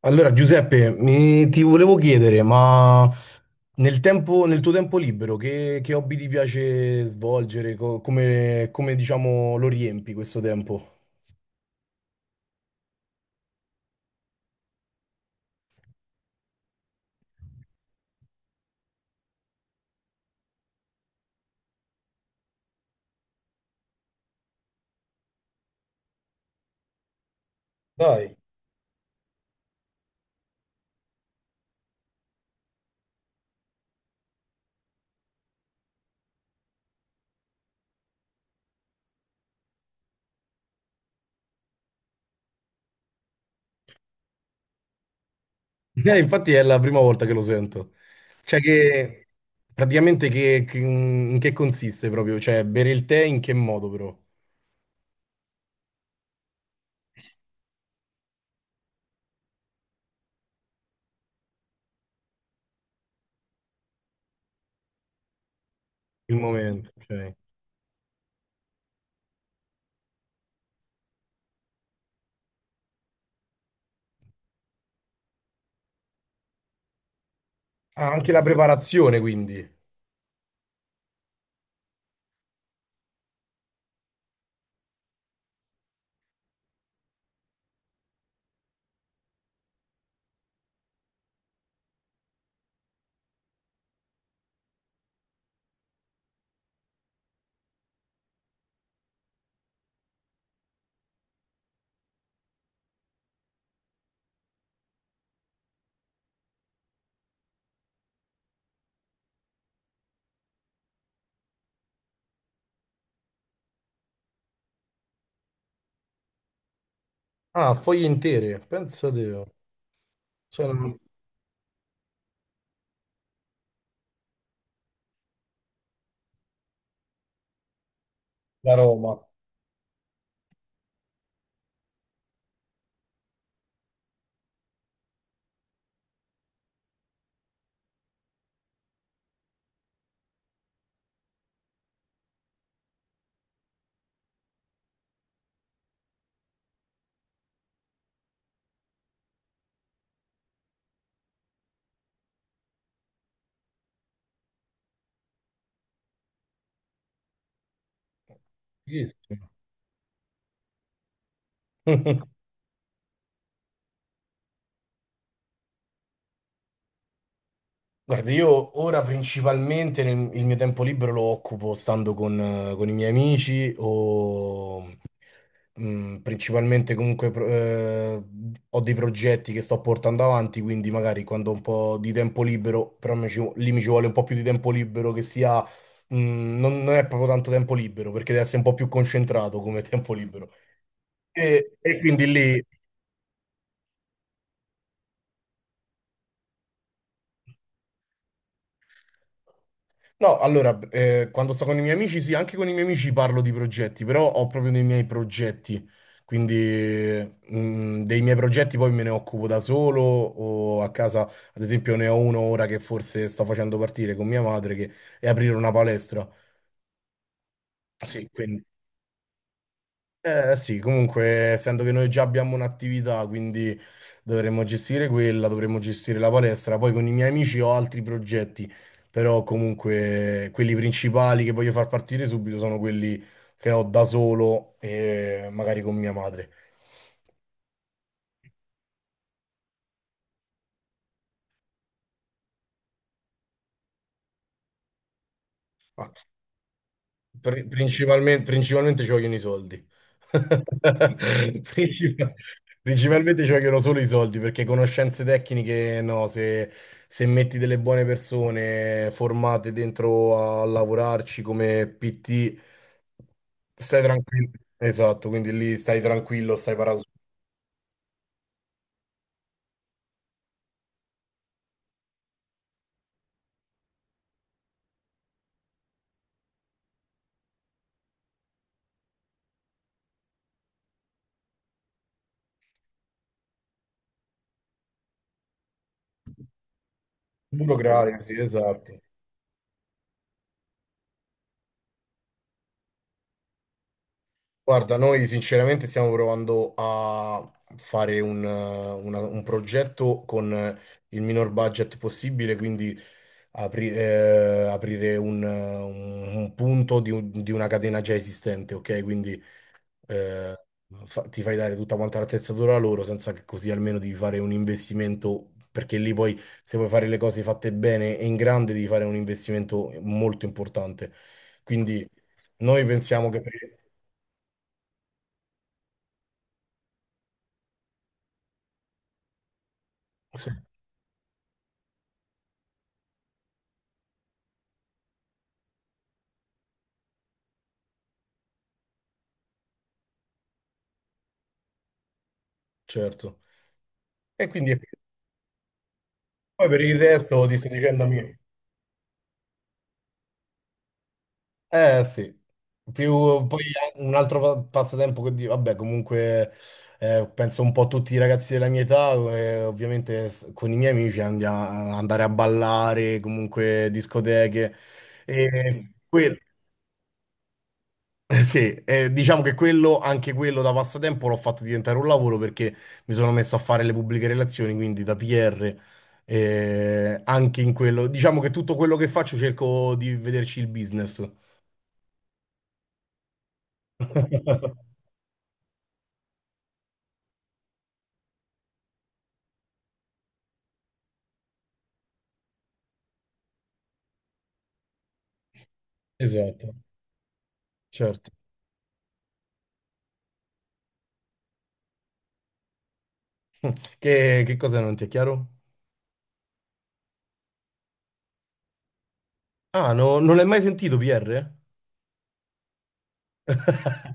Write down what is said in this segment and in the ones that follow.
Allora, Giuseppe, ti volevo chiedere, ma nel tuo tempo libero, che hobby ti piace svolgere? Come, diciamo, lo riempi questo tempo? Dai. Infatti è la prima volta che lo sento. Cioè che, praticamente che- In che consiste proprio? Cioè, bere il tè in che modo però? Il momento, ok. Ah, anche la preparazione, quindi. Ah, foglie intere, pensa te. Cioè, la Roma. Fighissimo. Guarda, io ora principalmente il mio tempo libero lo occupo stando con i miei amici o principalmente comunque ho dei progetti che sto portando avanti, quindi magari quando ho un po' di tempo libero, però lì mi ci vuole un po' più di tempo libero che sia, non è proprio tanto tempo libero perché deve essere un po' più concentrato come tempo libero. E quindi lì. No, allora, quando sto con i miei amici, sì, anche con i miei amici parlo di progetti, però ho proprio dei miei progetti, quindi dei miei progetti poi me ne occupo da solo o a casa, ad esempio, ne ho uno ora che forse sto facendo partire con mia madre, che è aprire una palestra. Sì, quindi eh sì, comunque, essendo che noi già abbiamo un'attività, quindi dovremmo gestire quella, dovremmo gestire la palestra. Poi con i miei amici ho altri progetti, però comunque quelli principali che voglio far partire subito sono quelli che ho da solo e magari con mia madre. Principalmente ci vogliono i soldi. Princip- Principalmente ci vogliono solo i soldi perché conoscenze tecniche, no, se, se metti delle buone persone formate dentro a lavorarci come PT, stai tranquillo. Esatto, quindi lì stai tranquillo, stai parato sul muro, grazie, sì, esatto. Guarda, noi sinceramente stiamo provando a fare un progetto con il minor budget possibile, quindi aprire un punto di, di una catena già esistente, ok? Quindi eh, ti fai dare tutta quanta l'attrezzatura loro senza che così almeno devi fare un investimento, perché lì poi se vuoi fare le cose fatte bene e in grande devi fare un investimento molto importante. Quindi noi pensiamo sì. Certo. E quindi è questo. Poi per il resto ti sto dicendo a me. Eh sì, più poi un altro passatempo vabbè, comunque penso un po' a tutti i ragazzi della mia età, ovviamente con i miei amici andiamo a andare a ballare, comunque discoteche. E, eh, sì, diciamo che quello, anche quello da passatempo l'ho fatto diventare un lavoro perché mi sono messo a fare le pubbliche relazioni, quindi da PR, anche in quello. Diciamo che tutto quello che faccio cerco di vederci il business. Esatto. Certo. Che cosa non ti è chiaro? Ah, non l'hai mai sentito PR?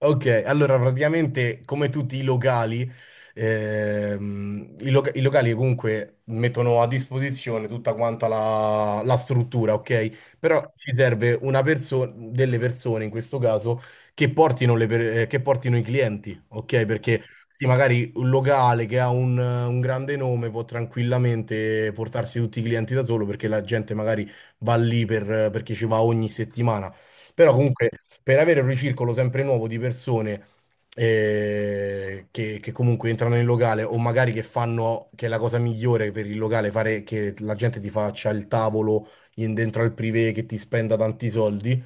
Ok, allora praticamente come tutti i locali, i locali comunque mettono a disposizione tutta quanta la struttura, ok? Però ci serve una persona, delle persone in questo caso, che portino, che portino i clienti, ok? Perché sì, magari un locale che ha un grande nome può tranquillamente portarsi tutti i clienti da solo perché la gente magari va lì perché ci va ogni settimana. Però comunque per avere un ricircolo sempre nuovo di persone che comunque entrano nel locale o magari che fanno, che è la cosa migliore per il locale, fare che la gente ti faccia il tavolo dentro al privé che ti spenda tanti soldi.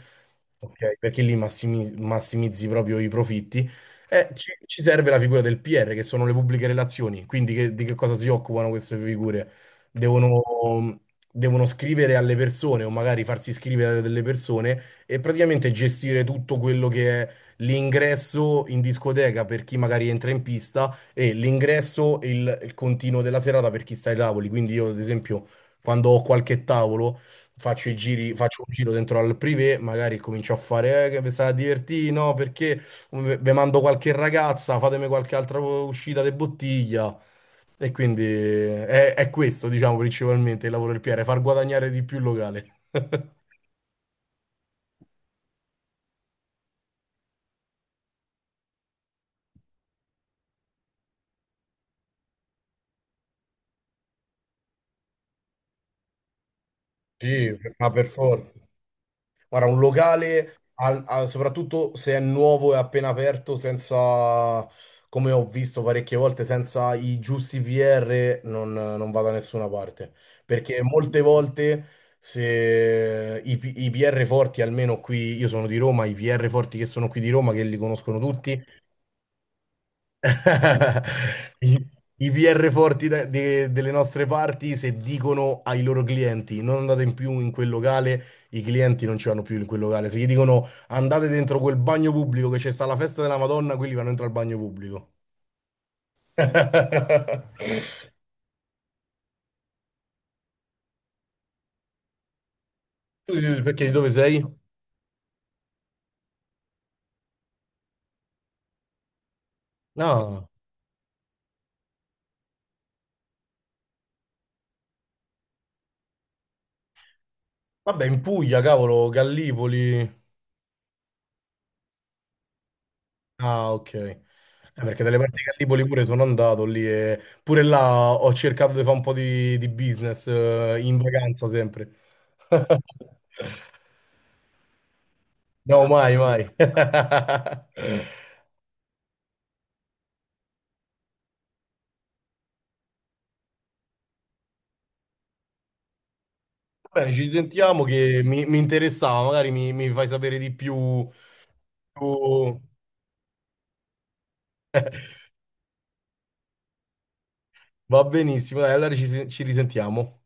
Ok, perché lì massimizzi proprio i profitti. E ci serve la figura del PR, che sono le pubbliche relazioni. Quindi di che cosa si occupano queste figure? Devono, devono scrivere alle persone o magari farsi scrivere a delle persone e praticamente gestire tutto quello che è l'ingresso in discoteca per chi magari entra in pista e l'ingresso e il continuo della serata per chi sta ai tavoli. Quindi io, ad esempio, quando ho qualche tavolo faccio i giri, faccio un giro dentro al privé, magari comincio a fare, che vi state divertendo, no, perché vi mando qualche ragazza, fatemi qualche altra uscita di bottiglia. E quindi è questo, diciamo, principalmente il lavoro del PR, far guadagnare di più il locale. Sì, ma per forza. Guarda, un locale, soprattutto se è nuovo e appena aperto, senza, come ho visto parecchie volte, senza i giusti PR, non va da nessuna parte. Perché molte volte, se i PR forti, almeno qui, io sono di Roma, i PR forti che sono qui di Roma, che li conoscono tutti, I, i PR forti delle nostre parti, se dicono ai loro clienti non andate in più in quel locale, i clienti non ci vanno più in quel locale. Se gli dicono andate dentro quel bagno pubblico che c'è sta la festa della Madonna, quelli vanno dentro al bagno pubblico. Tu perché di dove sei? No. Vabbè, in Puglia, cavolo, Gallipoli. Ah, ok. Perché delle parti che a Lipoli pure sono andato lì e pure là ho cercato di fare un po' di business in vacanza sempre. No, mai, mai. Bene, ci sentiamo che mi interessava, magari mi fai sapere di più. Tu- va benissimo, dai, allora ci risentiamo.